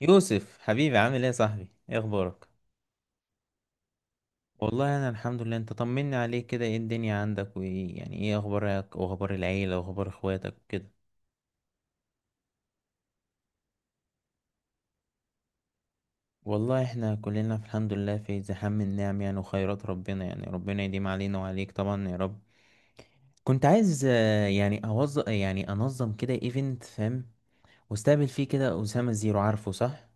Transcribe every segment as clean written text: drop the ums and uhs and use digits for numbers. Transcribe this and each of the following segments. يوسف حبيبي، عامل ايه يا صاحبي؟ ايه اخبارك؟ والله انا الحمد لله. انت طمني عليك كده، ايه الدنيا عندك؟ وايه يعني ايه اخبارك واخبار العيله واخبار اخواتك وكده؟ والله احنا كلنا في الحمد لله، في زحام النعم يعني وخيرات ربنا يعني ربنا يديم علينا وعليك طبعا يا رب. كنت عايز يعني اوظف يعني انظم كده ايفنت، فاهم؟ واستقبل فيه كده اسامه زيرو، عارفه؟ صح،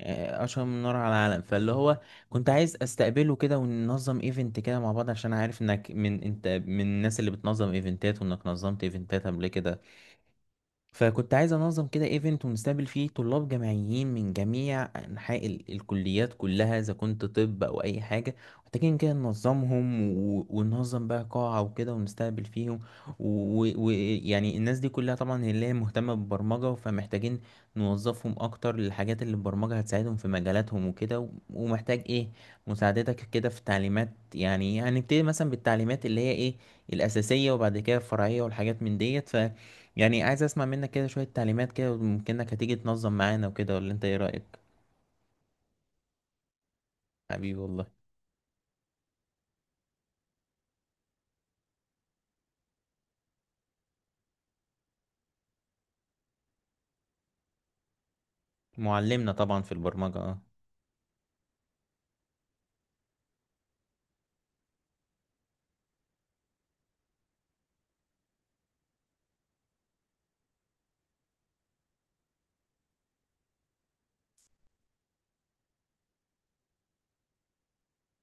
اشهر من نار على العالم، فاللي هو كنت عايز استقبله كده وننظم ايفنت كده مع بعض، عشان عارف انك من انت من الناس اللي بتنظم ايفنتات، وانك نظمت ايفنتات قبل كده. فكنت عايز انظم كده ايفنت ونستقبل فيه طلاب جامعيين من جميع انحاء الكليات كلها، اذا كنت طب او اي حاجه. محتاجين كده ننظمهم وننظم بقى قاعه وكده ونستقبل فيهم. ويعني الناس دي كلها طبعا هي اللي هي مهتمه بالبرمجه، فمحتاجين نوظفهم اكتر للحاجات اللي البرمجه هتساعدهم في مجالاتهم وكده ومحتاج ايه مساعدتك كده في تعليمات. يعني هنبتدي مثلا بالتعليمات اللي هي ايه الاساسيه، وبعد كده الفرعيه والحاجات من ديت. يعني عايز اسمع منك كده شوية تعليمات كده، وممكنك هتيجي تنظم معانا وكده، ولا انت ايه رأيك؟ حبيبي والله. معلمنا طبعا في البرمجة اه.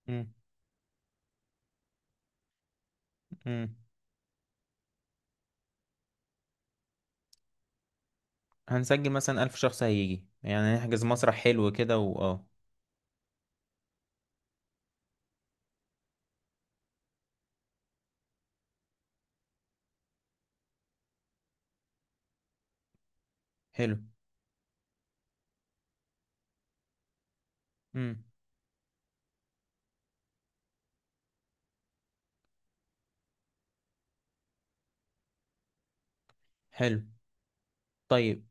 مم. مم. هنسجل مثلا 1000 شخص هيجي، يعني نحجز مسرح حلو كده واه. حلو. مم. حلو. طيب.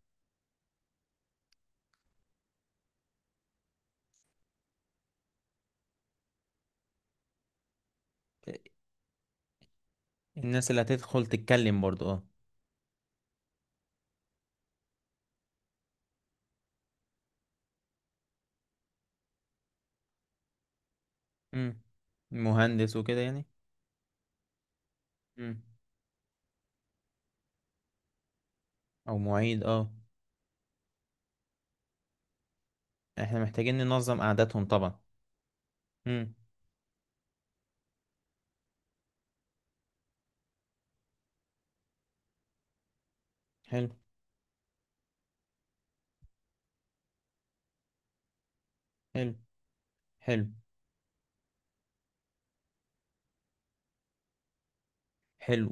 الناس اللي هتدخل تتكلم برضو اه. مم. مهندس وكده يعني. مم. او معيد اه. احنا محتاجين ننظم قعداتهم طبعا. مم. حلو. حلو. حلو. حلو.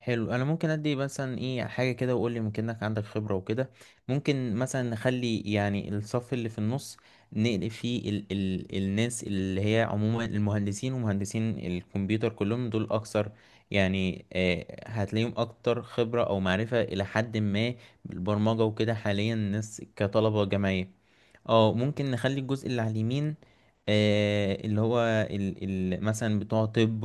حلو، انا ممكن ادي مثلا ايه حاجه كده وقول لي، ممكن انك عندك خبره وكده. ممكن مثلا نخلي يعني الصف اللي في النص نقل فيه ال الناس اللي هي عموما المهندسين ومهندسين الكمبيوتر، كلهم دول اكثر يعني آه هتلاقيهم اكتر خبره او معرفه الى حد ما بالبرمجه وكده حاليا، الناس كطلبه جامعيه. اه ممكن نخلي الجزء اللي على اليمين آه اللي هو ال ال مثلا بتوع طب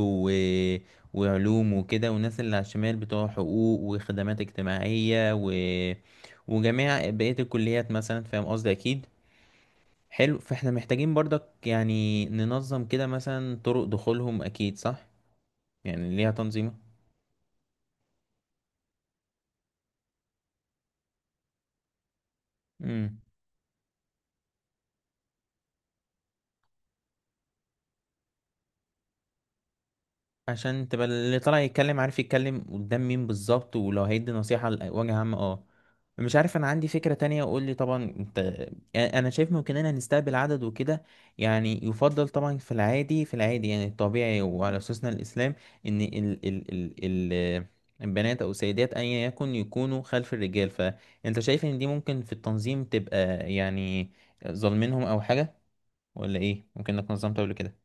وعلوم وكده، والناس اللي على الشمال بتوع حقوق وخدمات اجتماعية و... وجميع بقية الكليات مثلا، فاهم قصدي أكيد. حلو، فاحنا محتاجين برضك يعني ننظم كده مثلا طرق دخولهم، أكيد صح. يعني ليها تنظيمة عشان تبقى اللي طالع يتكلم عارف يتكلم قدام مين بالظبط، ولو هيدي نصيحة لوجه عام اه. مش عارف، انا عندي فكرة تانية، اقول لي طبعا انت. انا شايف ممكننا نستقبل عدد وكده، يعني يفضل طبعا في العادي يعني الطبيعي، وعلى اساسنا الاسلام، ان ال البنات او السيدات ايا يكن يكونوا خلف الرجال. فانت شايف ان دي ممكن في التنظيم تبقى يعني ظالمينهم او حاجة، ولا ايه، ممكن انك نظمت قبل كده.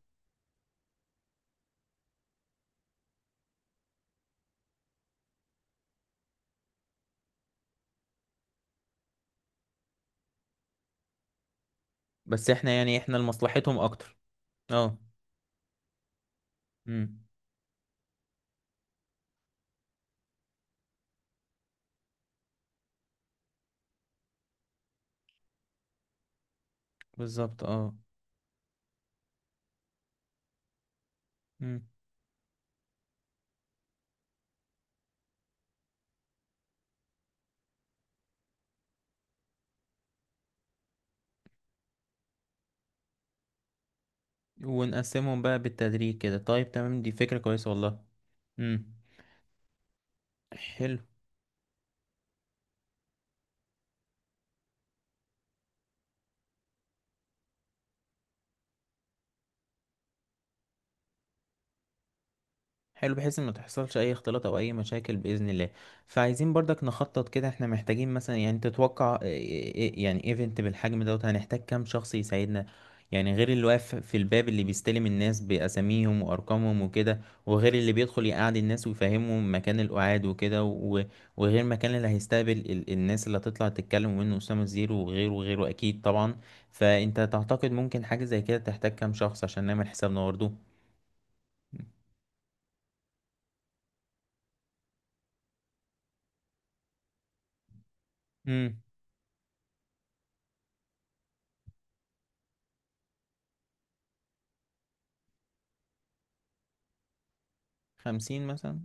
بس احنا يعني احنا لمصلحتهم اكتر. اه. امم. بالظبط اه. امم. ونقسمهم بقى بالتدريج كده، طيب تمام، دي فكرة كويسة والله. امم. حلو. حلو، بحيث ان ما تحصلش اي اختلاط او اي مشاكل باذن الله. فعايزين برضك نخطط كده، احنا محتاجين مثلا يعني تتوقع إيه- إيه- إيه، يعني ايفنت بالحجم دوت هنحتاج كام شخص يساعدنا؟ يعني غير اللي واقف في الباب اللي بيستلم الناس باساميهم وارقامهم وكده، وغير اللي بيدخل يقعد الناس ويفهمهم مكان القعاد وكده وغير مكان اللي هيستقبل الناس اللي هتطلع تتكلم منه اسامه الزيرو وغيره وغيره اكيد طبعا. فانت تعتقد ممكن حاجه زي كده تحتاج كام شخص عشان نعمل حسابنا؟ برضه. 50 مثلا.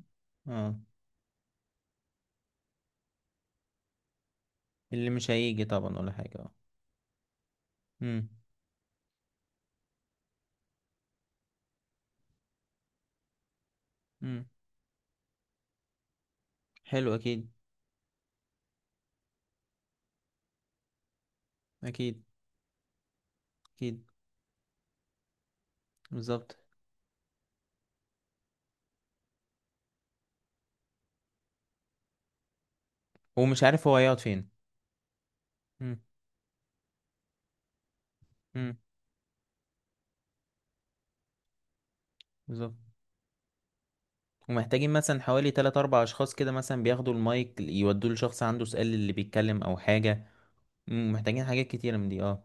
اه. اللي مش هيجي طبعا ولا حاجة اه. امم. امم. حلو. اكيد. اكيد. اكيد. بالظبط. ومش عارف هو هيقعد فين. امم. امم. بالظبط. ومحتاجين مثلا حوالي 3 4 أشخاص كده مثلا بياخدوا المايك يودوه لشخص عنده سؤال اللي بيتكلم أو حاجة. مم. محتاجين حاجات كتيرة من دي اه.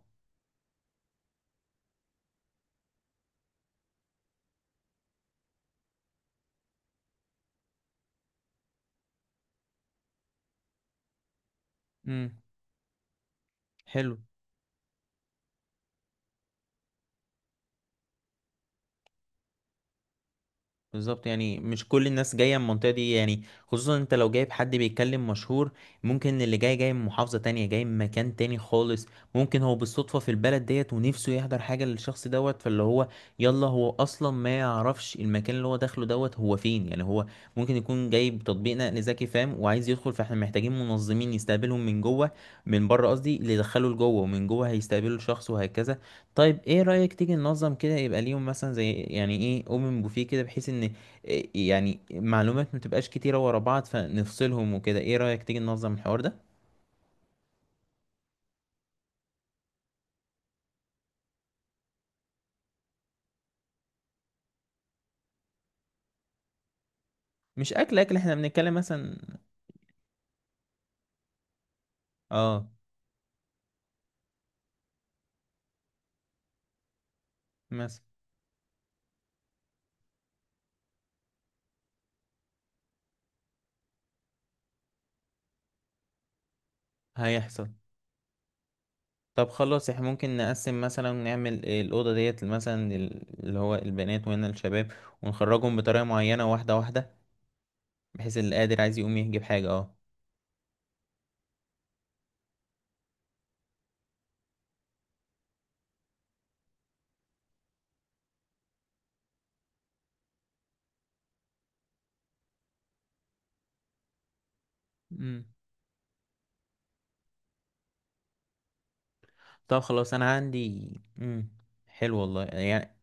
امم. حلو. بالظبط، يعني مش كل الناس جاية من المنطقة دي يعني، خصوصا انت لو جايب حد بيتكلم مشهور. ممكن اللي جاي جاي من محافظة تانية جاي من مكان تاني خالص. ممكن هو بالصدفة في البلد ديت ونفسه يحضر حاجة للشخص دوت، فاللي هو يلا هو أصلا ما يعرفش المكان اللي هو داخله دوت هو فين يعني، هو ممكن يكون جايب تطبيق نقل ذكي فاهم وعايز يدخل، فاحنا محتاجين منظمين يستقبلهم من جوه، من بره قصدي، اللي يدخله لجوه ومن جوه هيستقبلوا الشخص وهكذا. طيب ايه رأيك تيجي ننظم كده يبقى ليهم مثلا زي يعني ايه اوبن بوفيه كده، بحيث ان إيه يعني معلومات ما تبقاش كتيرة ورا بعض فنفصلهم وكده، ايه رأيك تيجي ننظم الحوار ده؟ مش اكل اكل احنا بنتكلم مثلا اه مثلا. هيحصل. طب خلاص احنا ممكن نقسم مثلا نعمل الأوضة ديت مثلا اللي هو البنات وهنا الشباب، ونخرجهم بطريقة معينة واحدة واحدة، بحيث اللي قادر عايز يقوم يجيب حاجة اه. مم. طب خلاص انا عندي. مم. حلو والله يعني،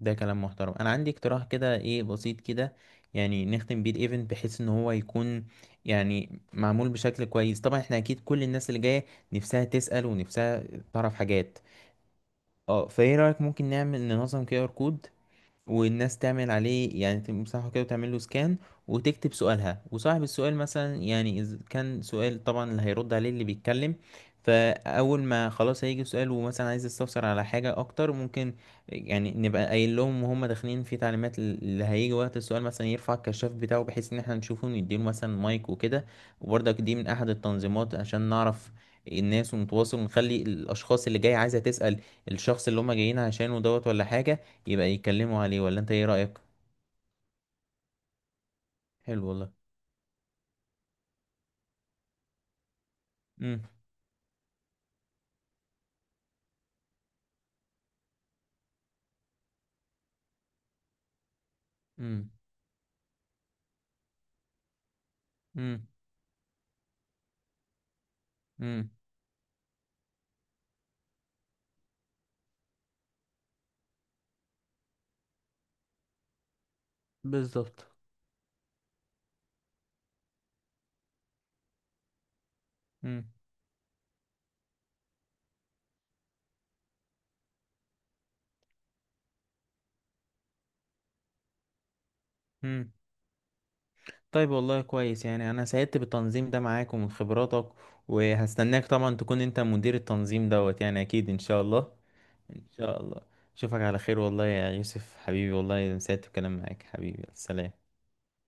ده كلام محترم. انا عندي اقتراح كده ايه بسيط كده، يعني نختم بيه الايفنت بحيث ان هو يكون يعني معمول بشكل كويس. طبعا احنا اكيد كل الناس اللي جايه نفسها تسأل ونفسها تعرف حاجات اه. فايه رأيك ممكن نعمل ننظم QR كود، والناس تعمل عليه يعني تمسحه كده وتعمل له سكان، وتكتب سؤالها، وصاحب السؤال مثلا يعني إذا كان سؤال طبعا اللي هيرد عليه اللي بيتكلم. فأول ما خلاص هيجي سؤال ومثلا عايز يستفسر على حاجة أكتر ممكن، يعني نبقى قايل لهم وهم داخلين في تعليمات اللي هيجي وقت السؤال مثلا يرفع الكشاف بتاعه بحيث إن احنا نشوفه ونديله مثلا مايك وكده. وبرضك دي من أحد التنظيمات، عشان نعرف الناس ونتواصل ونخلي الأشخاص اللي جاية عايزة تسأل الشخص اللي هم جايين عشانه دوت ولا حاجة، يبقى يتكلموا عليه، ولا انت ايه رأيك؟ حلو والله. امم. امم. امم. امم. بالظبط. امم. امم. طيب والله كويس، يعني انا سعدت بالتنظيم ده معاك ومن خبراتك. وهستناك طبعا تكون انت مدير التنظيم دوت يعني اكيد ان شاء الله. ان شاء الله. اشوفك على خير والله يا يوسف حبيبي، والله سعدت بالكلام معاك حبيبي، سلام.